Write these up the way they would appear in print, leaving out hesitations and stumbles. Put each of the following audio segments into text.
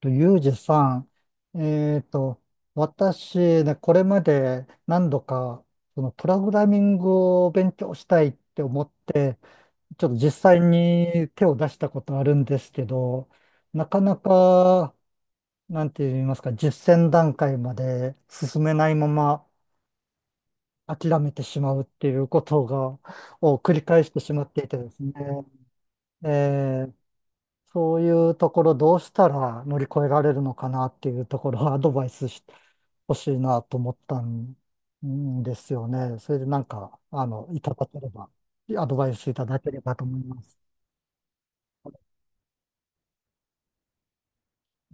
と、ユージさん、私ね、これまで何度か、そのプログラミングを勉強したいって思って、ちょっと実際に手を出したことあるんですけど、なかなか、なんて言いますか、実践段階まで進めないまま諦めてしまうっていうことが、を繰り返してしまっていてですね、えそういうところどうしたら乗り越えられるのかなっていうところを アドバイスしてほしいなと思ったんですよね。それでなんか、いただければ、アドバイスいただければと思います。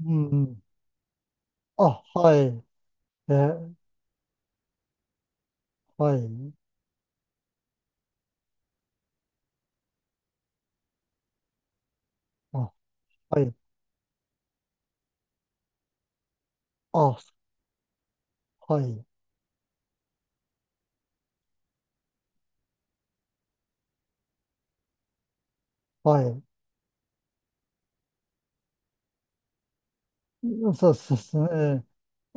うん。あ、はい。え、はい。あ、はい。あ、はい。はい。そうそうそう、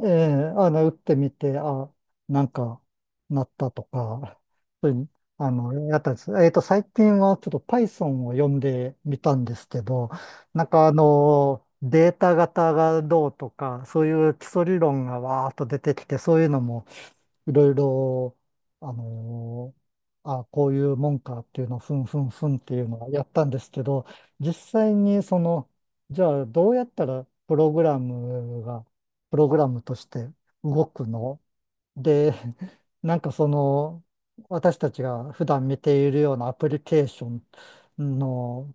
ええ、打ってみて、あ、なんか、なったとか、そういう、やったんです。最近はちょっと Python を読んでみたんですけど、なんかデータ型がどうとか、そういう基礎理論がわーっと出てきて、そういうのもいろいろ、あのあ、こういうもんかっていうのをふんふんふんっていうのはやったんですけど、実際にじゃあ、どうやったらプログラムが、プログラムとして動くので、なんか私たちが普段見ているようなアプリケーションの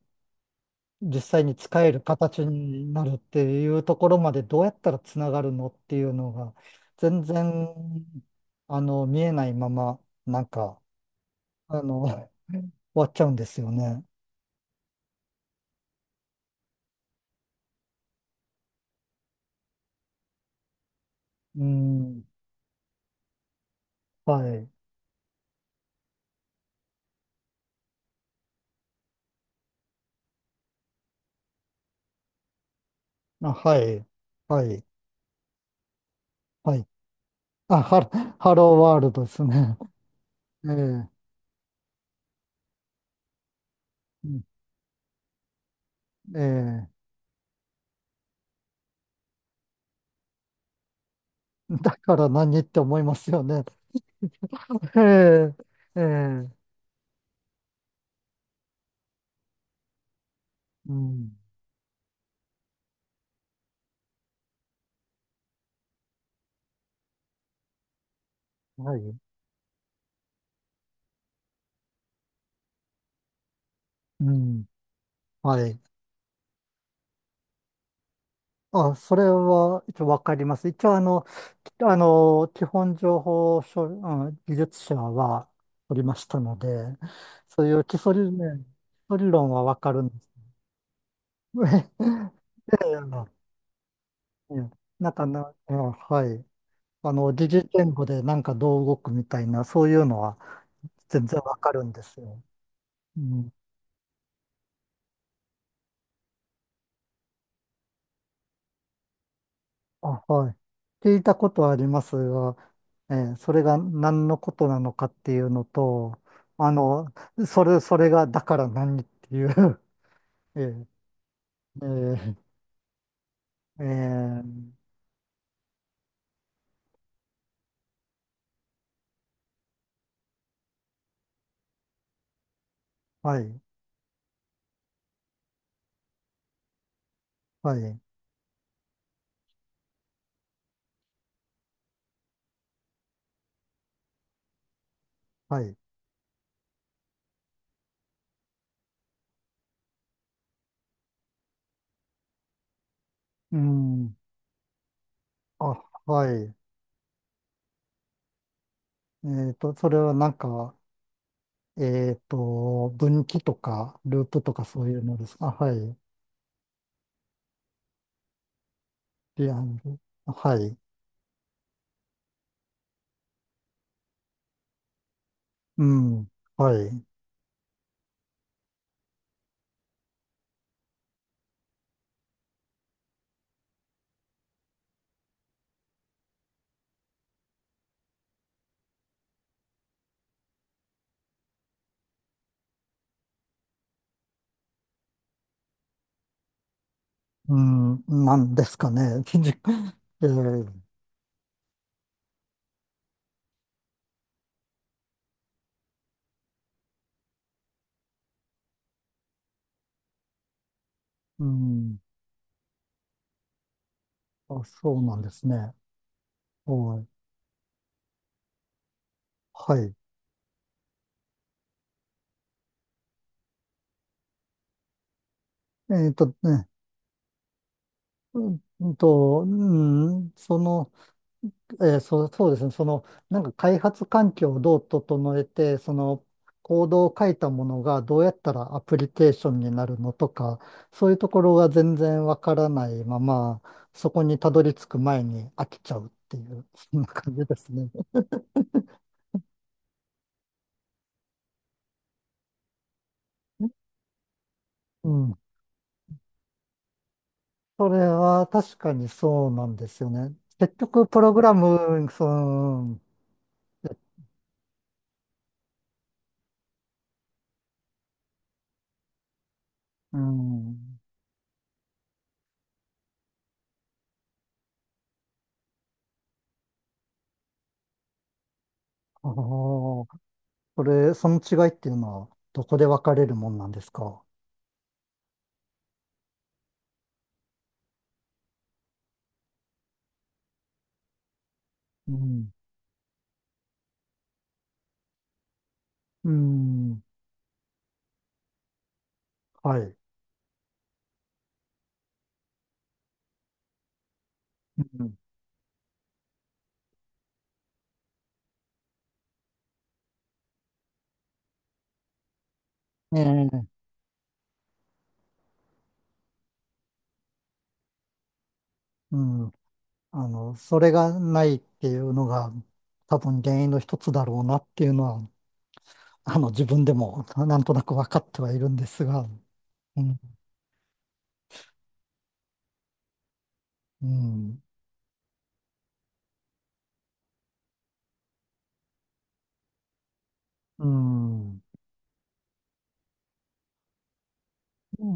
実際に使える形になるっていうところまでどうやったらつながるのっていうのが、全然、見えないまま、なんか、終わっちゃうんですよね。うん、はい。あ、はい。はい。はい。あ、ハローワールドですね。ええ、うん、ええ、だから何って思いますよね。ええ、ええ、うん、はい、うん、はい。あ、それは一応わかります。一応きあの、基本情報処理、うん、技術者は取りましたので、そういう基礎理論はわかるんです。ええ、ええ、なんかな、あ、はい。疑似言語でなんかどう動くみたいな、そういうのは全然わかるんですよ。うん。あ、はい。聞いたことはありますが、それが何のことなのかっていうのと、あの、それがだから何っていう えーえーえーはい、はい、はい。うん。あ、はい。それはなんか、分岐とか、ループとかそういうのですか？あ、はい。リアル。はい。うん。はい。うん。なんですかね。えー、うん。あ、そうなんですね。はい。はい。えっとね。うんうんと、うん、そう、そうですね。なんか開発環境をどう整えて、その、コードを書いたものがどうやったらアプリケーションになるのとか、そういうところが全然わからないまま、そこにたどり着く前に飽きちゃうっていう、そんな感じですね。うん。それは確かにそうなんですよね。結局、プログラム、その、うん。ああ、これ、その違いっていうのは、どこで分かれるもんなんですか？うん。うん、はい。うん、ええ、うん。それがないっていうのが多分原因の一つだろうなっていうのは、自分でもなんとなく分かってはいるんですが、うん、うん、うん、う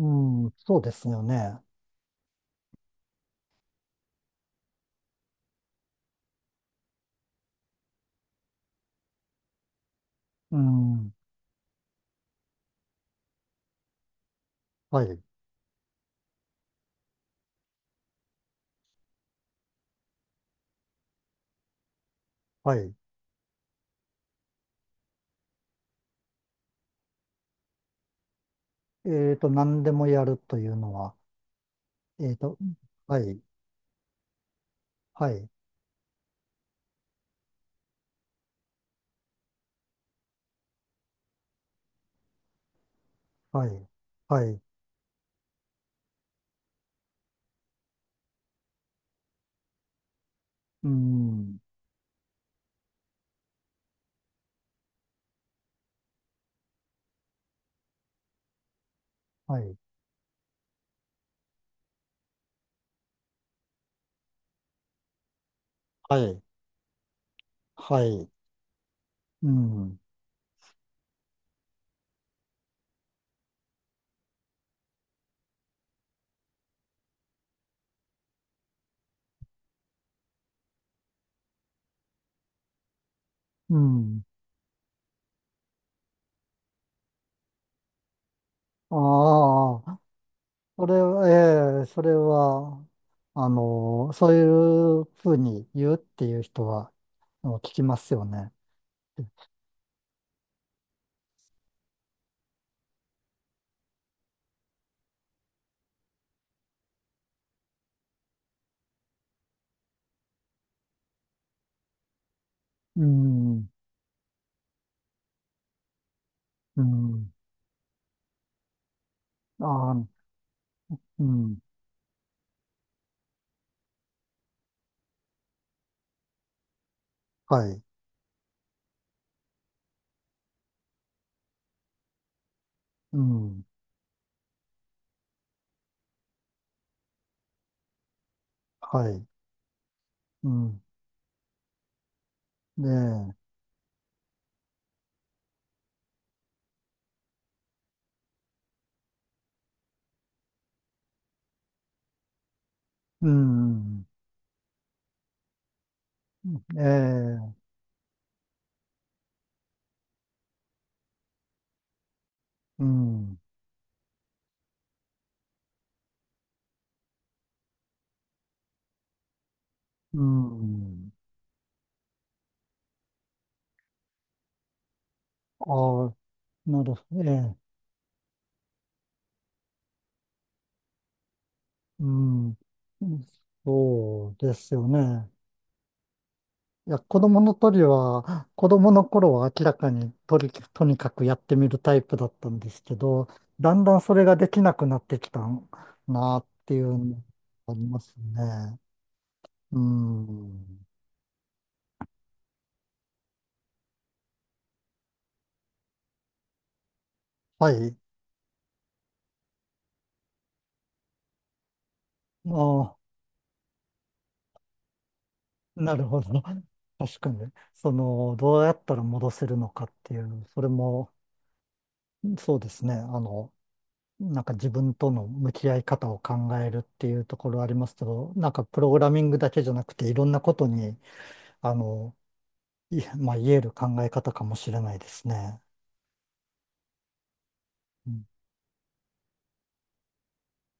ん、そうですよね。うん、はい、はい。何でもやるというのは、えっと、はい、はい、はい、はい、うん、はい、はい、はい、うん、うん。ああ、それは、ええ、それは、そういうふうに言うっていう人は、聞きますよね。うん、うん、ああ、うん、はい、うん、はい、うん、ねえ、うん、ええ、うん、うん、ああ、なるほど、ええ、うん、そうですよね。いや、子供の頃は明らかにとにかくやってみるタイプだったんですけど、だんだんそれができなくなってきたなっていうのがありますね。うん。はい。ああ、なるほど。確かに。その、どうやったら戻せるのかっていう、それも、そうですね。なんか自分との向き合い方を考えるっていうところありますけど、なんかプログラミングだけじゃなくて、いろんなことに、あの、いや、まあ、言える考え方かもしれないですね。うん。